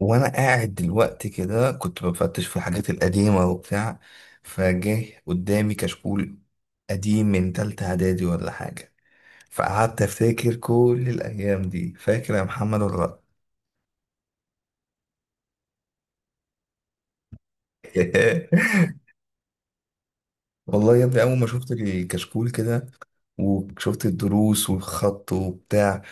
وانا قاعد دلوقتي كده كنت بفتش في الحاجات القديمه وبتاع، فجه قدامي كشكول قديم من تالتة اعدادي ولا حاجه، فقعدت افتكر كل الايام دي. فاكر يا محمد ولا لأ؟ والله يا ابني، اول ما شفت الكشكول كده وشفت الدروس والخط وبتاع،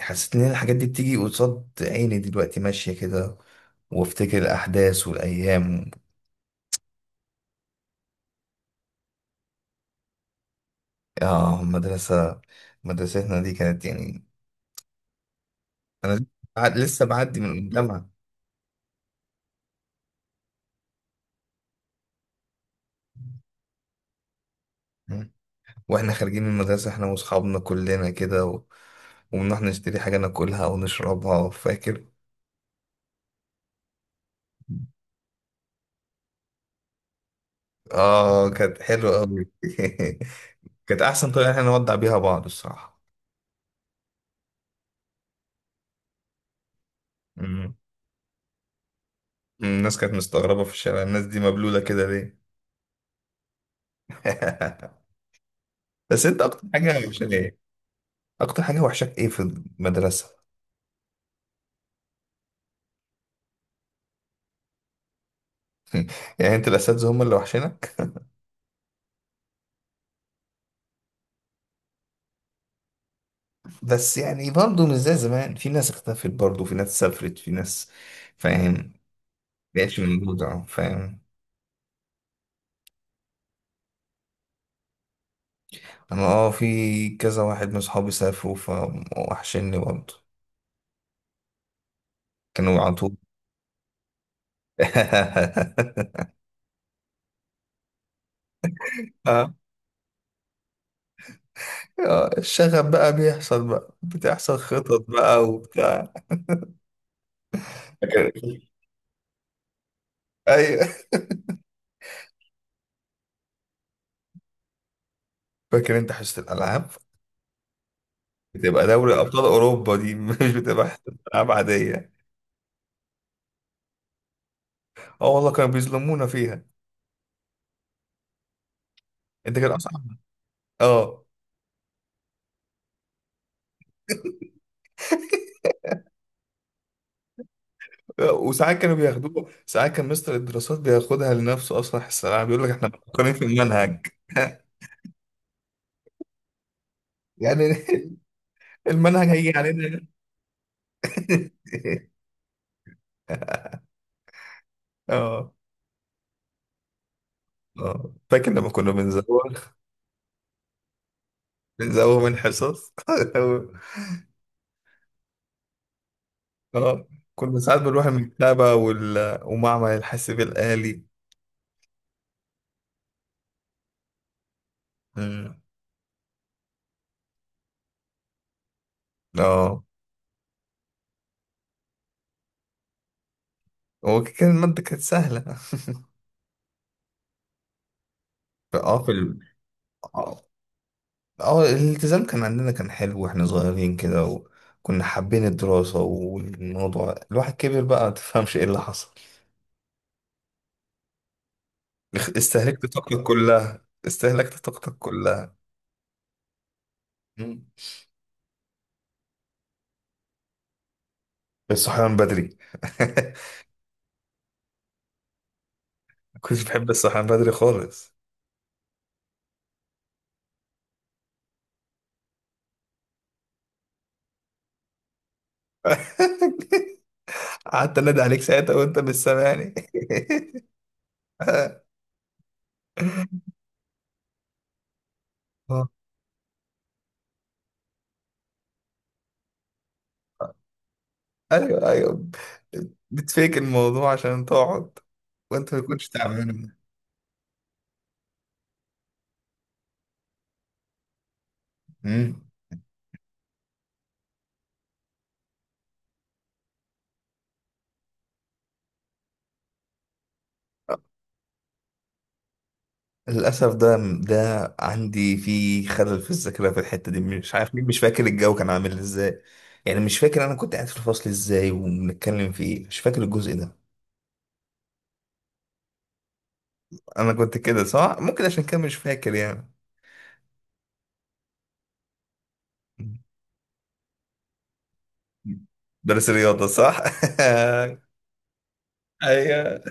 حسيت ان الحاجات دي بتيجي قصاد عيني دلوقتي ماشيه كده، وافتكر الاحداث والايام. اه، مدرسه. مدرستنا دي كانت يعني، انا لسه معدي من الجامعه. مم. واحنا خارجين من المدرسه احنا واصحابنا كلنا كده وبنروح نشتري حاجه ناكلها ونشربها، فاكر؟ اه، كانت حلوه قوي. كانت احسن طريقه احنا نودع بيها بعض الصراحه. مم. الناس كانت مستغربه في الشارع، الناس دي مبلوله كده ليه؟ بس انت اكتر حاجه وحشاك ايه؟ اكتر حاجه وحشاك ايه في المدرسه؟ يعني انت الاساتذه هم اللي وحشنا؟ بس يعني برضه مش زي زمان، في ناس اختفت، برضه في ناس سافرت، في ناس، فاهم؟ بقتش موجودة، فاهم؟ انا، في كذا واحد من صحابي سافروا فوحشني برضه، كانوا على طول. آه، الشغف بقى بيحصل، بقى بتحصل خطط بقى وبتاع. فاكر؟ ايوه. فاكر انت حصة الالعاب؟ بتبقى دوري ابطال اوروبا دي، مش بتبقى حصة العاب عادية. اه والله، كانوا بيظلمونا فيها. انت كان اصعب؟ اه، وساعات كانوا بياخدوه، ساعات كان مستر الدراسات بياخدها لنفسه اصلا في الثانويه، بيقول لك احنا مفكرين في المنهج. يعني المنهج هيجي علينا. اه. اه فاكر لما كنا بنزوغ، بنزوغ من حصص. اه. كنا ساعات بنروح المكتبة ومعمل الحاسب الآلي. مم. اه، هو كان المادة كانت سهلة. اه، آه. اه، الالتزام كان عندنا كان حلو واحنا صغيرين كده. وكنا حابين الدراسة، والموضوع الواحد كبر بقى متفهمش ايه اللي حصل. استهلكت طاقتك كلها، استهلكت طاقتك كلها. مم. الصحيان بدري. كنت بحب الصحيان بدري خالص. قعدت انادي عليك ساعتها وانت مش سامعني. اه. ايوه ايوه، بتفيك الموضوع عشان تقعد وانت ما تكونش تعبان. مم. للأسف ده ده عندي في خلل في الذاكرة، في الحتة دي مش عارف ليه، مش فاكر الجو كان عامل ازاي. يعني مش فاكر أنا كنت قاعد في الفصل ازاي وبنتكلم في ايه، مش فاكر الجزء ده. أنا كنت كده صح، ممكن عشان كده مش فاكر يعني. درس رياضة صح. أيوه،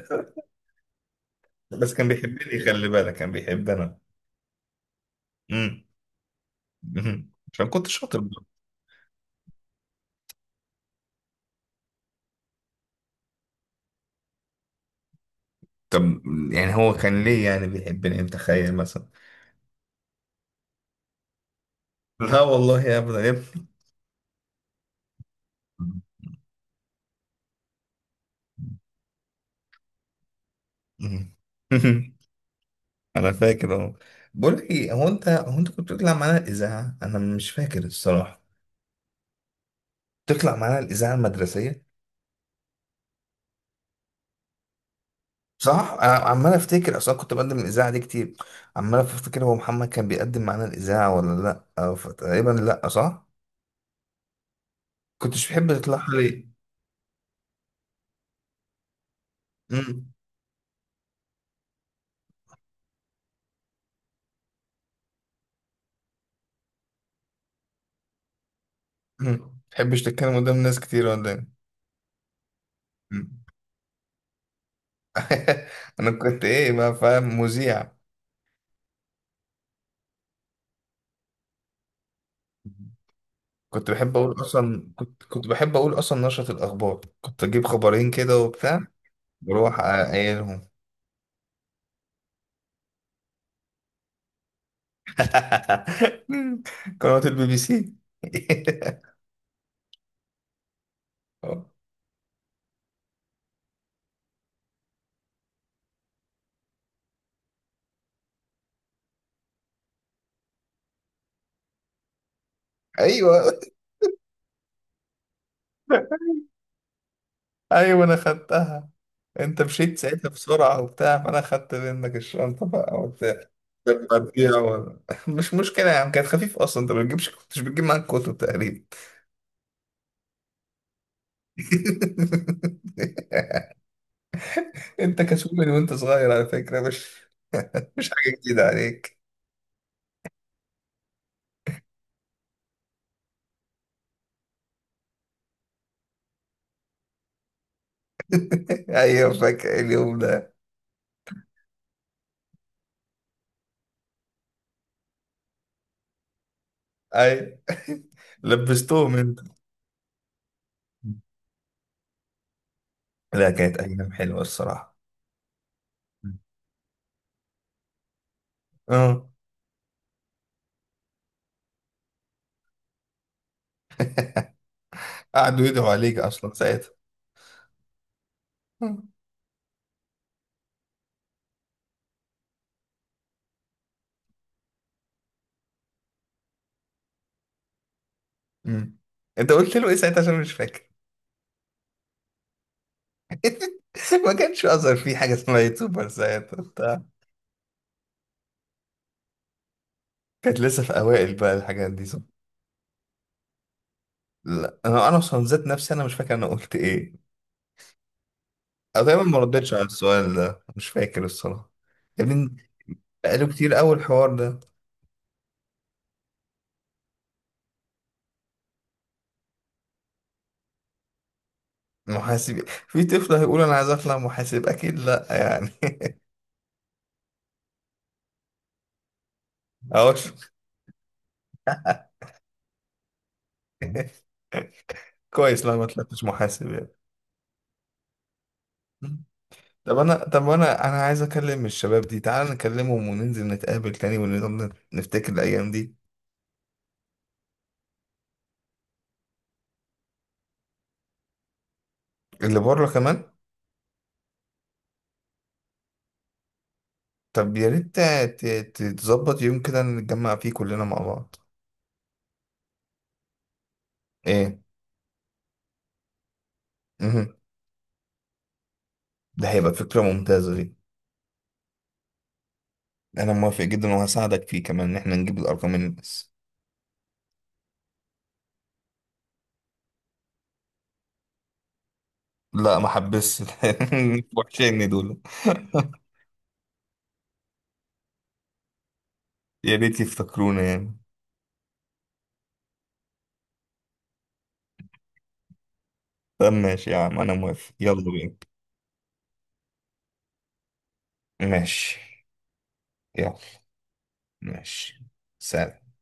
بس كان بيحبني، خلي بالك كان بيحبنا. أمم. عشان كنت شاطر برضه. طب يعني هو كان ليه يعني بيحبني، متخيل مثلا؟ لا والله أبدا يا ابني. انا فاكر اهو. بقول لك ايه، هو انت كنت بتطلع معانا الاذاعه، انا مش فاكر الصراحه. بتطلع معانا الاذاعه المدرسيه صح؟ انا عمال افتكر، اصلا كنت بقدم الاذاعه دي كتير. عمال افتكر هو محمد كان بيقدم معانا الاذاعه ولا لا، أو تقريبا لا صح؟ كنتش بتحب تطلع ليه؟ امم. تحبش تتكلم قدام ناس كتير ولا ايه؟ أمم. انا كنت ايه بقى، فاهم، مذيع؟ كنت بحب اقول اصلا نشرة الاخبار، كنت اجيب خبرين كده وبتاع. بروح اقايلهم. قنوات BBC. ايوه ايوه، انا خدتها. انت مشيت ساعتها بسرعه وبتاع، فانا خدت منك الشنطه بقى وبتاع. كانت هتضيع مش مشكله يا عم، كانت خفيف اصلا، انت ما بتجيبش، كنتش بتجيب معاك كتب تقريبا. انت كسول من وانت صغير على فكره، مش مش حاجه جديده عليك. ايوه فاكر اليوم ده. ايوه. لبستهم انت. لا كانت أيام حلوة الصراحة. اه. قعدوا يدعوا عليك أصلا ساعتها. آه. مم. أنت قلت له إيه ساعتها، عشان مش فاكر؟ ما كانش أظهر في حاجة اسمها يوتيوبر ساعتها بتاع. كانت لسه في أوائل بقى الحاجات دي صح؟ لا أنا أصلا ذات نفسي، أنا مش فاكر أنا قلت إيه. أنا دايما ما ردتش على السؤال ده، مش فاكر الصراحة. يا ابني، بقاله كتير أوي الحوار ده. محاسب؟ في طفل هيقول أنا عايز أطلع محاسب؟ أكيد لأ يعني. أهوش. كويس، لا ما طلعتش محاسب يعني. طب انا عايز اكلم الشباب دي، تعال نكلمهم وننزل نتقابل تاني ونفضل نفتكر الايام دي. اللي بره كمان. طب يا ريت تظبط يوم كده نتجمع فيه كلنا مع بعض. ايه. مهم. ده هيبقى فكرة ممتازة دي. انا موافق جدا وهساعدك فيه كمان ان احنا نجيب الارقام من الناس. لا ما حبسش. وحشين دول. يا ريت يفتكرونا يعني. طب ماشي يا عم، انا موافق، يلا بينا. ماشي. يلا. ماشي. سلام.